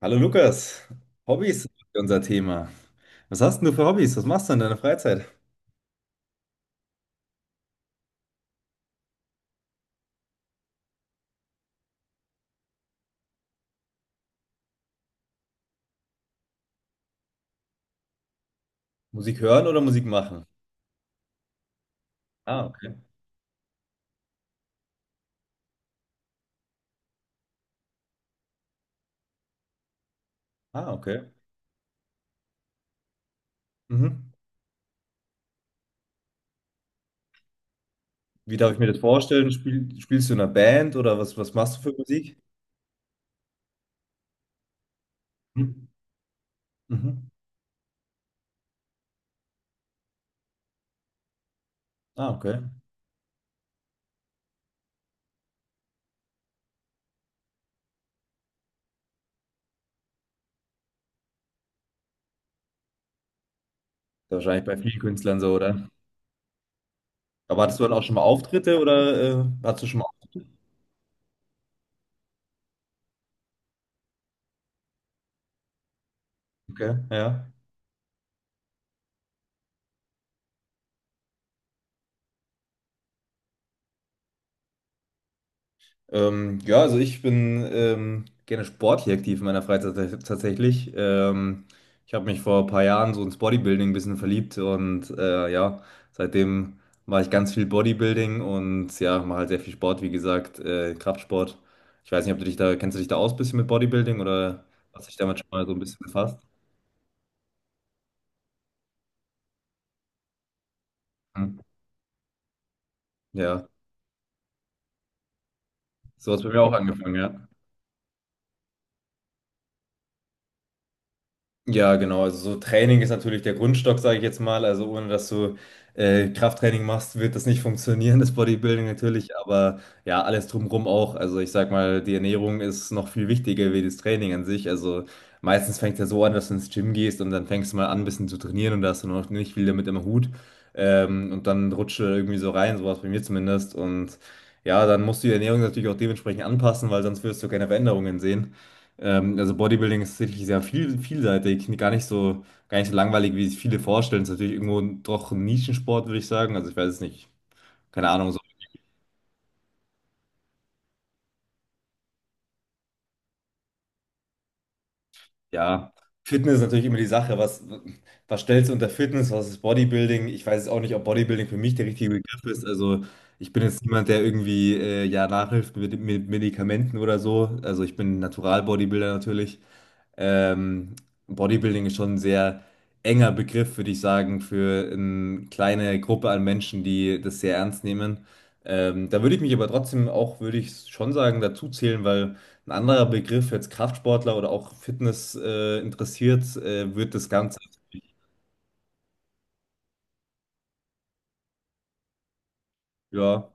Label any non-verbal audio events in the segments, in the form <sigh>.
Hallo Lukas, Hobbys sind unser Thema. Was hast denn du für Hobbys? Was machst du in deiner Freizeit? Musik hören oder Musik machen? Ah, okay. Ah, okay. Mhm. Wie darf ich mir das vorstellen? Spielst du in einer Band oder was, was machst du für Musik? Mhm. Mhm. Ah, okay. Ist ja wahrscheinlich bei vielen Künstlern so, oder? Aber hattest du dann auch schon mal Auftritte oder hattest du schon mal Auftritte? Okay, ja. Ja, also ich bin gerne sportlich aktiv in meiner Freizeit tatsächlich. Ich habe mich vor ein paar Jahren so ins Bodybuilding ein bisschen verliebt und ja, seitdem mache ich ganz viel Bodybuilding und ja, mache halt sehr viel Sport, wie gesagt, Kraftsport. Ich weiß nicht, ob du dich da, kennst du dich da aus ein bisschen mit Bodybuilding oder hast dich damit schon mal so ein bisschen befasst? Hm? Ja, so hat es bei mir auch angefangen, ja. Ja, genau. Also so Training ist natürlich der Grundstock, sage ich jetzt mal. Also ohne dass du Krafttraining machst, wird das nicht <laughs> funktionieren, das Bodybuilding natürlich. Aber ja, alles drumherum auch. Also ich sag mal, die Ernährung ist noch viel wichtiger wie das Training an sich. Also meistens fängt ja so an, dass du ins Gym gehst und dann fängst du mal an, ein bisschen zu trainieren und da hast du noch nicht viel damit im Hut. Und dann rutscht du irgendwie so rein, sowas bei mir zumindest. Und ja, dann musst du die Ernährung natürlich auch dementsprechend anpassen, weil sonst wirst du keine Veränderungen sehen. Also Bodybuilding ist tatsächlich sehr viel, vielseitig, gar nicht so langweilig, wie sich viele vorstellen. Ist natürlich irgendwo doch ein Nischensport, würde ich sagen. Also ich weiß es nicht. Keine Ahnung, so, ja. Fitness ist natürlich immer die Sache. Was, was stellst du unter Fitness? Was ist Bodybuilding? Ich weiß jetzt auch nicht, ob Bodybuilding für mich der richtige Begriff ist. Also ich bin jetzt niemand, der irgendwie ja nachhilft mit Medikamenten oder so. Also ich bin Natural-Bodybuilder natürlich. Ähm, Bodybuilding ist schon ein sehr enger Begriff, würde ich sagen, für eine kleine Gruppe an Menschen, die das sehr ernst nehmen. Da würde ich mich aber trotzdem auch, würde ich schon sagen, dazu zählen, weil ein anderer Begriff, jetzt Kraftsportler oder auch Fitness, interessiert, wird das Ganze, ja.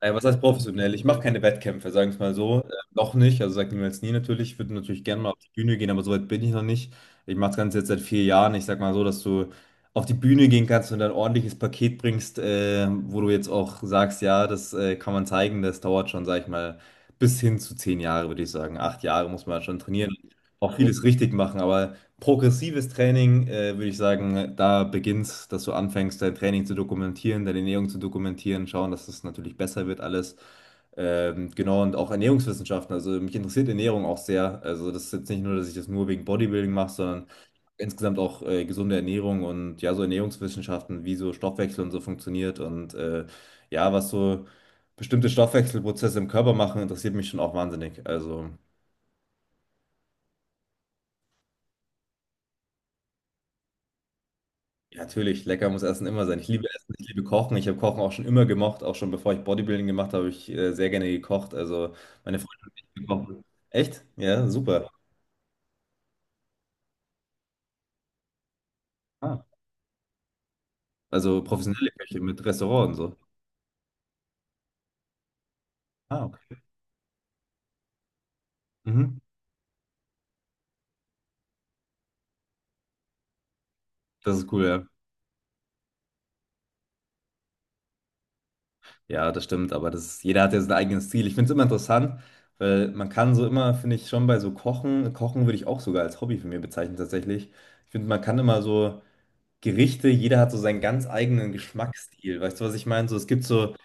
Naja, was heißt professionell? Ich mache keine Wettkämpfe, sagen wir es mal so. Noch nicht, also sagt niemals nie natürlich. Ich würde natürlich gerne mal auf die Bühne gehen, aber so weit bin ich noch nicht. Ich mache das Ganze jetzt seit 4 Jahren. Ich sag mal so, dass du auf die Bühne gehen kannst und ein ordentliches Paket bringst, wo du jetzt auch sagst, ja, das kann man zeigen. Das dauert schon, sag ich mal, bis hin zu 10 Jahre, würde ich sagen. 8 Jahre muss man schon trainieren, auch vieles richtig machen. Aber progressives Training, würde ich sagen, da beginnst, dass du anfängst, dein Training zu dokumentieren, deine Ernährung zu dokumentieren, schauen, dass es natürlich besser wird alles. Genau, und auch Ernährungswissenschaften. Also mich interessiert Ernährung auch sehr. Also das ist jetzt nicht nur, dass ich das nur wegen Bodybuilding mache, sondern insgesamt auch gesunde Ernährung und ja, so Ernährungswissenschaften, wie so Stoffwechsel und so funktioniert und ja, was so bestimmte Stoffwechselprozesse im Körper machen, interessiert mich schon auch wahnsinnig. Also ja, natürlich, lecker muss Essen immer sein. Ich liebe Essen, ich liebe Kochen. Ich habe Kochen auch schon immer gemocht, auch schon bevor ich Bodybuilding gemacht habe, habe ich sehr gerne gekocht. Also meine Freundin und ich gekocht. Echt? Ja, super. Ah. Also professionelle Köche mit Restaurant und so. Ah, okay. Mhm. Das ist cool, ja. Ja, das stimmt, aber das ist, jeder hat ja sein eigenes Ziel. Ich finde es immer interessant, weil man kann so immer, finde ich, schon bei so Kochen, Kochen würde ich auch sogar als Hobby für mich bezeichnen tatsächlich. Ich finde, man kann immer so Gerichte, jeder hat so seinen ganz eigenen Geschmacksstil. Weißt du, was ich meine? So, es gibt so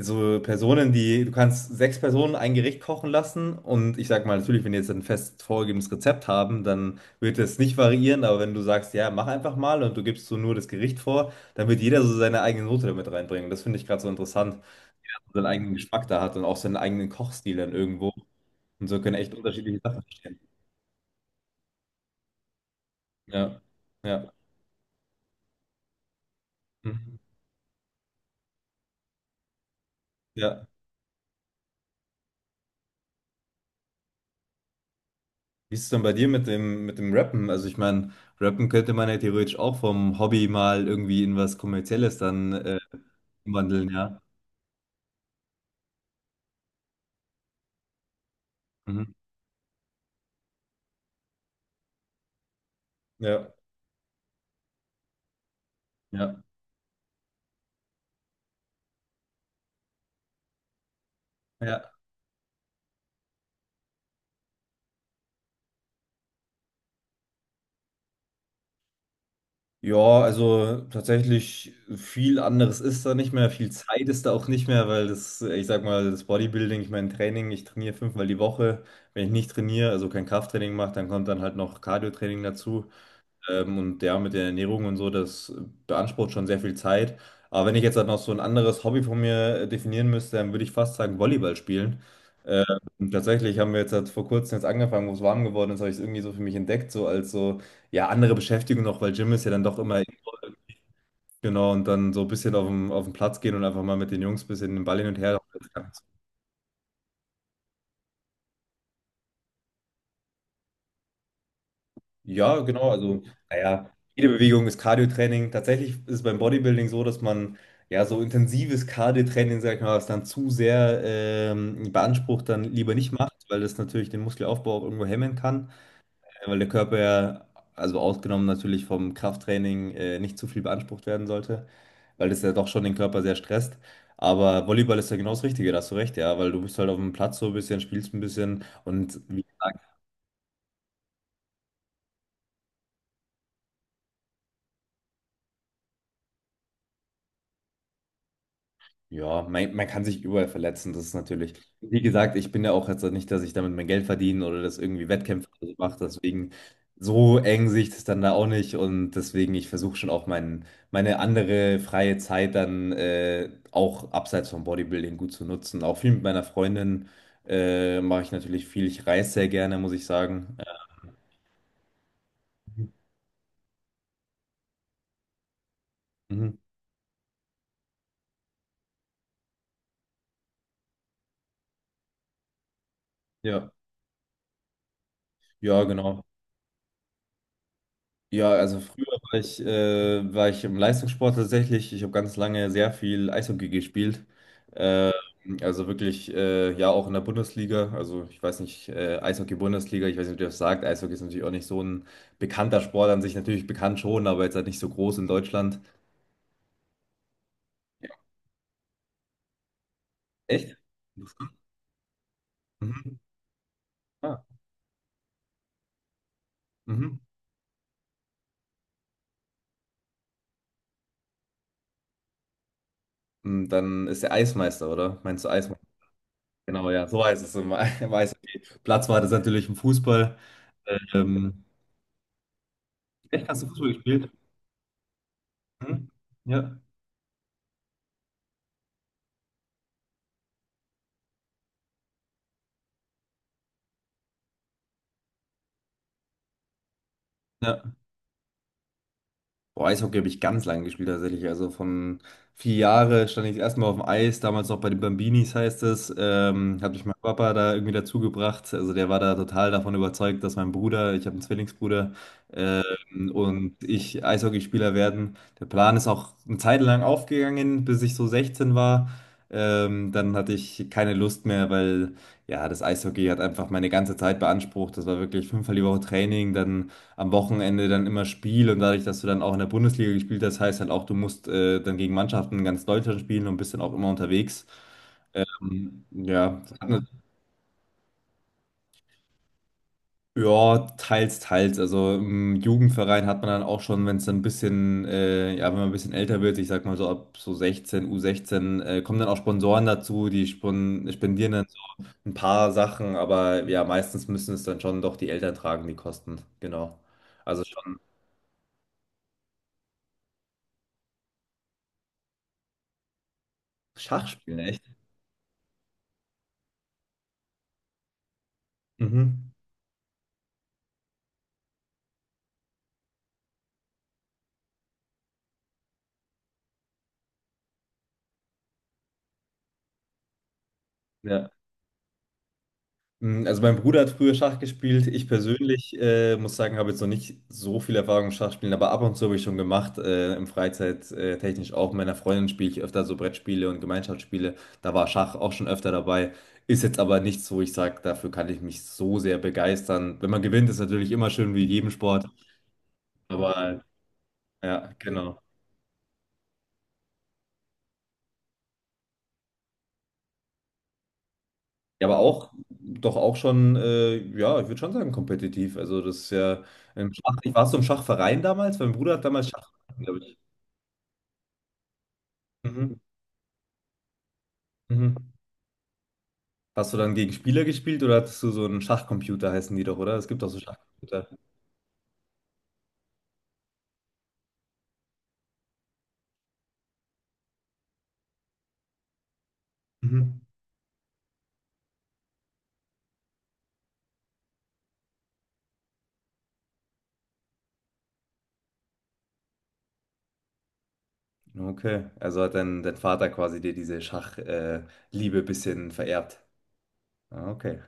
Personen, die, du kannst sechs Personen ein Gericht kochen lassen und ich sag mal, natürlich, wenn die jetzt ein fest vorgegebenes Rezept haben, dann wird es nicht variieren, aber wenn du sagst, ja, mach einfach mal und du gibst so nur das Gericht vor, dann wird jeder so seine eigene Note damit reinbringen. Das finde ich gerade so interessant, seinen eigenen Geschmack da hat und auch seinen eigenen Kochstil dann irgendwo. Und so können echt unterschiedliche Sachen entstehen. Ja, ja. Mhm. Ja. Wie ist es denn bei dir mit dem Rappen? Also ich meine, Rappen könnte man ja theoretisch auch vom Hobby mal irgendwie in was Kommerzielles dann umwandeln, ja. Mhm. Ja. Ja, ja. Ja, also tatsächlich viel anderes ist da nicht mehr, viel Zeit ist da auch nicht mehr, weil das, ich sag mal, das Bodybuilding, ich mein Training, ich trainiere fünfmal die Woche. Wenn ich nicht trainiere, also kein Krafttraining mache, dann kommt dann halt noch Cardio-Training dazu. Und ja, mit der Ernährung und so, das beansprucht schon sehr viel Zeit. Aber wenn ich jetzt halt noch so ein anderes Hobby von mir definieren müsste, dann würde ich fast sagen Volleyball spielen. Ähm, Tatsächlich haben wir jetzt halt vor kurzem jetzt angefangen, wo es warm geworden ist, habe ich es irgendwie so für mich entdeckt, so als so, ja, andere Beschäftigung noch, weil Gym ist ja dann doch immer, genau, und dann so ein bisschen auf dem, auf den Platz gehen und einfach mal mit den Jungs ein bisschen den Ball hin und her. Ja, genau. Also, naja, jede Bewegung ist Cardiotraining. Tatsächlich ist es beim Bodybuilding so, dass man ja so intensives Cardiotraining, sag ich mal, was dann zu sehr beansprucht, dann lieber nicht macht, weil das natürlich den Muskelaufbau auch irgendwo hemmen kann, weil der Körper ja, also ausgenommen natürlich vom Krafttraining, nicht zu viel beansprucht werden sollte, weil das ja doch schon den Körper sehr stresst. Aber Volleyball ist ja genau das Richtige, da hast du recht, ja, weil du bist halt auf dem Platz so ein bisschen, spielst ein bisschen und wie ja, man kann sich überall verletzen, das ist natürlich. Wie gesagt, ich bin ja auch jetzt nicht, dass ich damit mein Geld verdiene oder das irgendwie Wettkämpfe oder so mache, deswegen so eng sehe ich das dann da auch nicht und deswegen ich versuche schon auch mein, meine andere freie Zeit dann auch abseits vom Bodybuilding gut zu nutzen. Auch viel mit meiner Freundin mache ich natürlich viel. Ich reise sehr gerne, muss ich sagen. Mhm. Ja, ja, genau. Ja, also früher war ich im Leistungssport tatsächlich. Ich habe ganz lange sehr viel Eishockey gespielt. Äh, also wirklich, ja, auch in der Bundesliga. Also ich weiß nicht, Eishockey-Bundesliga, ich weiß nicht, ob ihr das sagt. Eishockey ist natürlich auch nicht so ein bekannter Sport an sich, natürlich bekannt schon, aber jetzt halt nicht so groß in Deutschland. Ja. Echt? Mhm. Ah, mhm. Und dann ist der Eismeister, oder? Meinst du Eismeister? Genau, ja, so heißt es im, <laughs> im Eishockey. Platz war das natürlich im Fußball. Ähm, Echt, hast du Fußball gespielt? Mhm. Ja, ja. Boah, Eishockey habe ich ganz lange gespielt tatsächlich. Also von 4 Jahre stand ich das erste Mal auf dem Eis, damals noch bei den Bambinis heißt es. Habe ich meinen Papa da irgendwie dazu gebracht. Also der war da total davon überzeugt, dass mein Bruder, ich habe einen Zwillingsbruder, und ich Eishockeyspieler werden. Der Plan ist auch eine Zeit lang aufgegangen, bis ich so 16 war. Dann hatte ich keine Lust mehr, weil ja, das Eishockey hat einfach meine ganze Zeit beansprucht. Das war wirklich fünfmal die Woche Training, dann am Wochenende dann immer Spiel und dadurch, dass du dann auch in der Bundesliga gespielt hast, heißt halt auch, du musst dann gegen Mannschaften in ganz Deutschland spielen und bist dann auch immer unterwegs. Ja, ja, teils, teils. Also im Jugendverein hat man dann auch schon, wenn es dann ein bisschen, ja, wenn man ein bisschen älter wird, ich sag mal so ab so 16, U16, kommen dann auch Sponsoren dazu, die spon spendieren dann so ein paar Sachen, aber ja, meistens müssen es dann schon doch die Eltern tragen, die Kosten. Genau. Also schon Schachspielen, echt? Mhm. Ja. Mm, also mein Bruder hat früher Schach gespielt. Ich persönlich muss sagen, habe jetzt noch nicht so viel Erfahrung im Schachspielen, aber ab und zu habe ich schon gemacht, im Freizeit technisch auch. Mit meiner Freundin spiele ich öfter so Brettspiele und Gemeinschaftsspiele. Da war Schach auch schon öfter dabei. Ist jetzt aber nichts, wo ich sage, dafür kann ich mich so sehr begeistern. Wenn man gewinnt, ist natürlich immer schön wie in jedem Sport. Aber ja, genau. Ja, aber auch, doch auch schon, ja, ich würde schon sagen, kompetitiv. Also das ist ja im Schach. Ich war so im Schachverein damals, mein Bruder hat damals Schach, mhm. Mhm. Hast du dann gegen Spieler gespielt oder hattest du so einen Schachcomputer, heißen die doch, oder? Es gibt auch so Schachcomputer. Mhm. Okay, also hat dein, dein Vater quasi dir diese Schachliebe Liebe bisschen vererbt. Ah, okay.